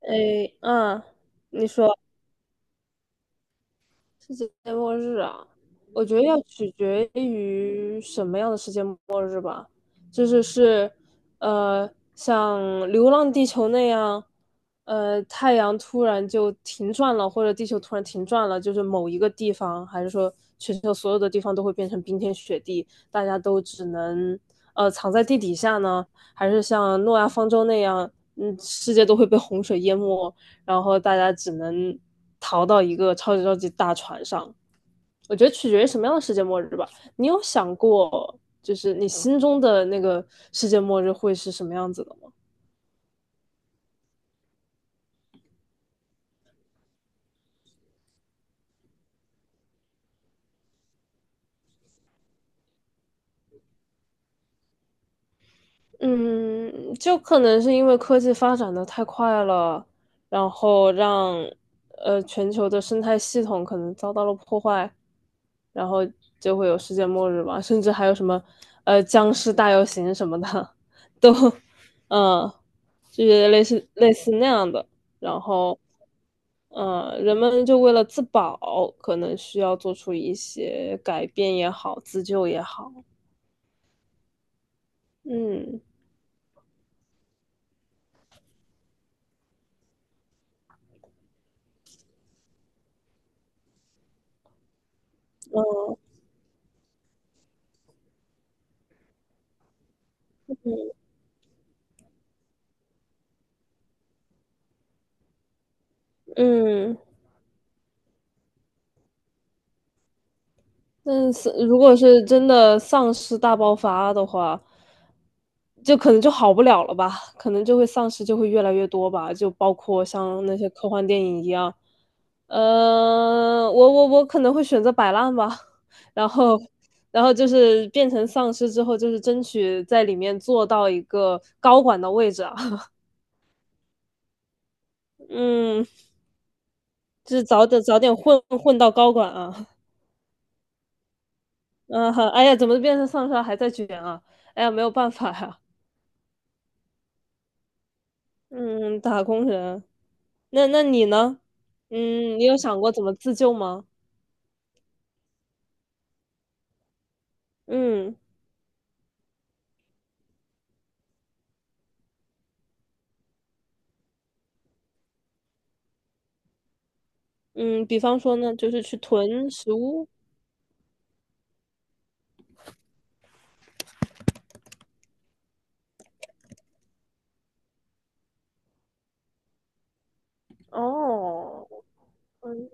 诶，嗯，你说世界末日啊？我觉得要取决于什么样的世界末日吧，就是，像《流浪地球》那样，太阳突然就停转了，或者地球突然停转了，就是某一个地方，还是说全球所有的地方都会变成冰天雪地，大家都只能藏在地底下呢？还是像诺亚方舟那样，世界都会被洪水淹没？然后大家只能逃到一个超级超级大船上。我觉得取决于什么样的世界末日吧。你有想过，就是你心中的那个世界末日会是什么样子的吗？嗯，就可能是因为科技发展的太快了，然后让全球的生态系统可能遭到了破坏，然后就会有世界末日嘛，甚至还有什么僵尸大游行什么的，都嗯，就是类似那样的。然后，人们就为了自保，可能需要做出一些改变也好，自救也好。嗯嗯。但是如果是真的丧尸大爆发的话，就可能就好不了了吧，可能就会丧尸就会越来越多吧，就包括像那些科幻电影一样。我可能会选择摆烂吧，然后然后就是变成丧尸之后，就是争取在里面做到一个高管的位置啊。嗯，就是早点混到高管啊。嗯，哎呀，怎么变成丧尸了还在卷啊？哎呀，没有办法呀。嗯，打工人。那你呢？嗯，你有想过怎么自救吗？嗯嗯，比方说呢，就是去囤食物。哦，嗯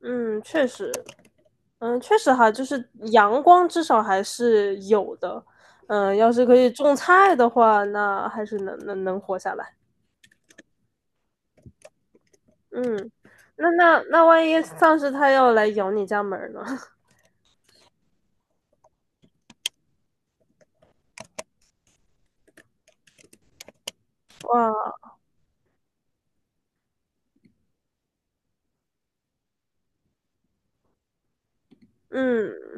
嗯，确实，嗯，确实哈，就是阳光至少还是有的。嗯，要是可以种菜的话，那还是能能能活下来。嗯，那万一丧尸它要来咬你家门儿呢？哇，嗯。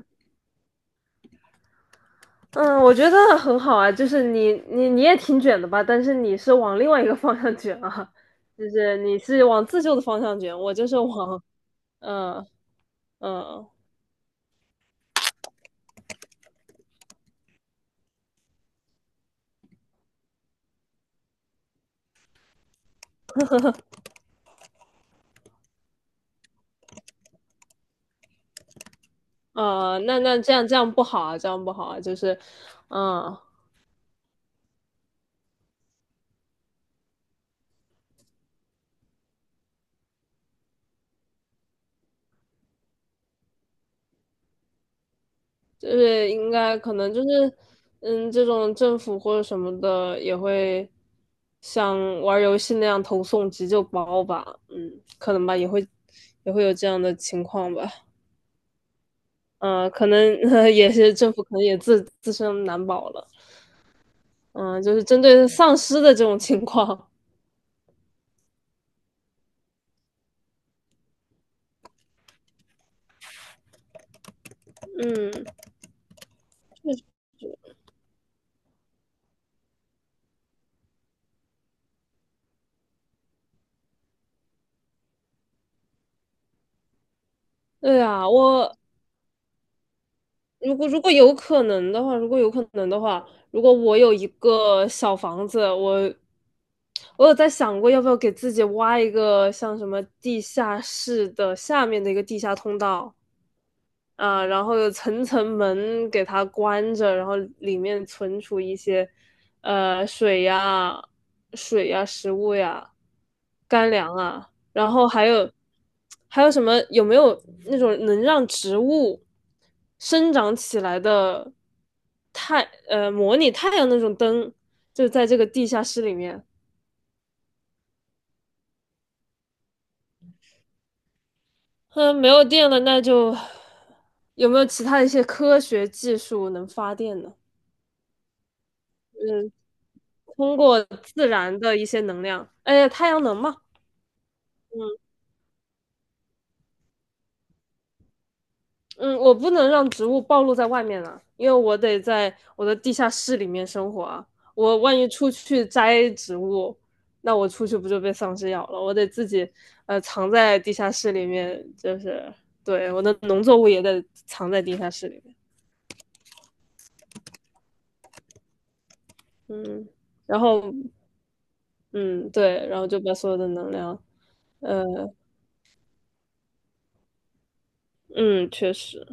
嗯，我觉得很好啊，就是你也挺卷的吧，但是你是往另外一个方向卷啊，就是你是往自救的方向卷，我就是往嗯嗯嗯，那这样不好啊，这样不好啊，就是嗯就是应该可能就是这种政府或者什么的也会像玩儿游戏那样投送急救包吧，嗯，可能吧，也会也会有这样的情况吧。可能 也是政府可能也自身难保了。就是针对丧尸的这种情况。嗯，对啊，我如果有可能的话，如果有可能的话，如果我有一个小房子，我有在想过要不要给自己挖一个像什么地下室的下面的一个地下通道。啊，然后有层层门给它关着，然后里面存储一些，呃，水呀、食物呀、干粮啊，然后还有什么？有没有那种能让植物生长起来的太模拟太阳那种灯？就在这个地下室里面。嗯，没有电了，那就有没有其他一些科学技术能发电呢？嗯，通过自然的一些能量，哎，太阳能嘛。嗯，我不能让植物暴露在外面了，因为我得在我的地下室里面生活啊。我万一出去摘植物，那我出去不就被丧尸咬了？我得自己藏在地下室里面，就是对我的农作物也得藏在地下室里面，嗯，然后嗯对，然后就把所有的能量，呃嗯，确实，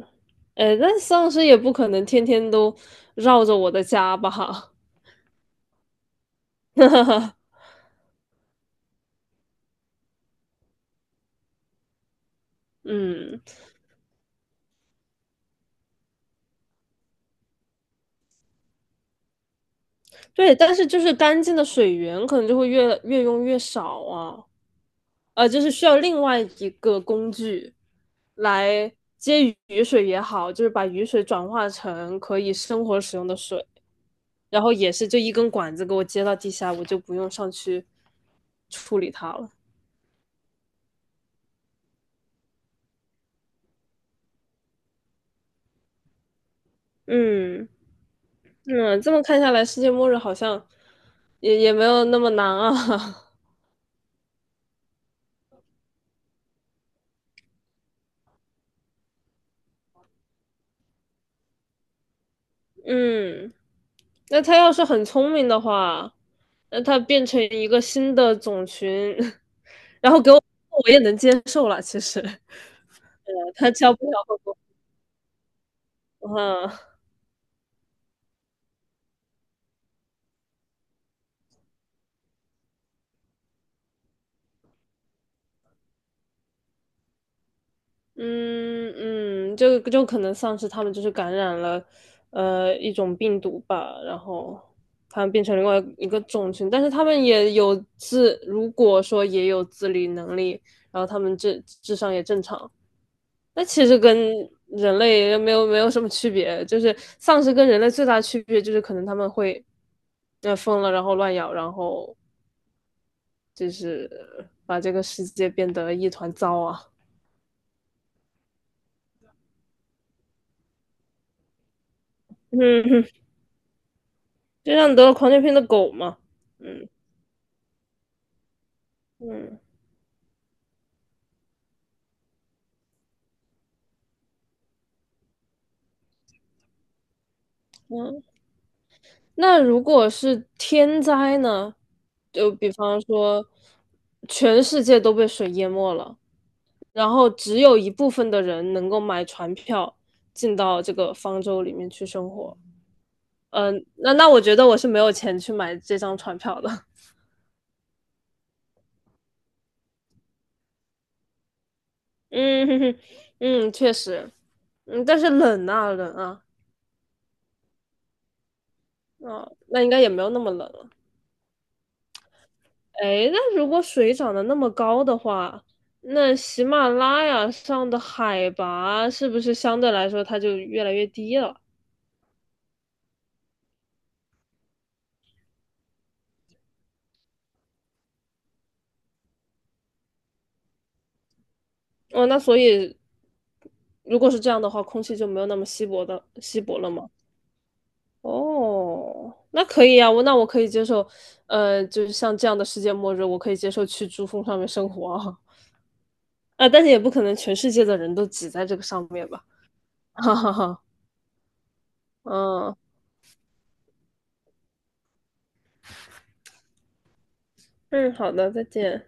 哎，那丧尸也不可能天天都绕着我的家吧？嗯，对，但是就是干净的水源可能就会越用越少啊，呃，就是需要另外一个工具来接雨水也好，就是把雨水转化成可以生活使用的水，然后也是就一根管子给我接到地下，我就不用上去处理它了。嗯。嗯，这么看下来，世界末日好像也也没有那么难啊。嗯，那他要是很聪明的话，那他变成一个新的种群，然后给我，我也能接受了。其实，呃他教不了我。嗯。嗯嗯，就可能丧尸他们就是感染了，呃，一种病毒吧，然后他们变成另外一个种群，但是他们也有自，如果说也有自理能力，然后他们智商也正常，那其实跟人类没有什么区别，就是丧尸跟人类最大的区别就是可能他们会，呃，疯了，然后乱咬，然后就是把这个世界变得一团糟啊。嗯就像得了狂犬病的狗嘛。嗯嗯嗯。那如果是天灾呢？就比方说，全世界都被水淹没了，然后只有一部分的人能够买船票进到这个方舟里面去生活。那那我觉得我是没有钱去买这张船票的。嗯哼哼，嗯，确实，但是冷啊冷啊，啊，那应该也没有那么冷了。哎，那如果水涨得那么高的话，那喜马拉雅上的海拔是不是相对来说它就越来越低了？哦，那所以如果是这样的话，空气就没有那么稀薄的稀薄了吗？哦，那可以啊，我那我可以接受，呃，就是像这样的世界末日，我可以接受去珠峰上面生活啊，啊但是也不可能全世界的人都挤在这个上面吧，哈哈哈，嗯嗯，好的，再见。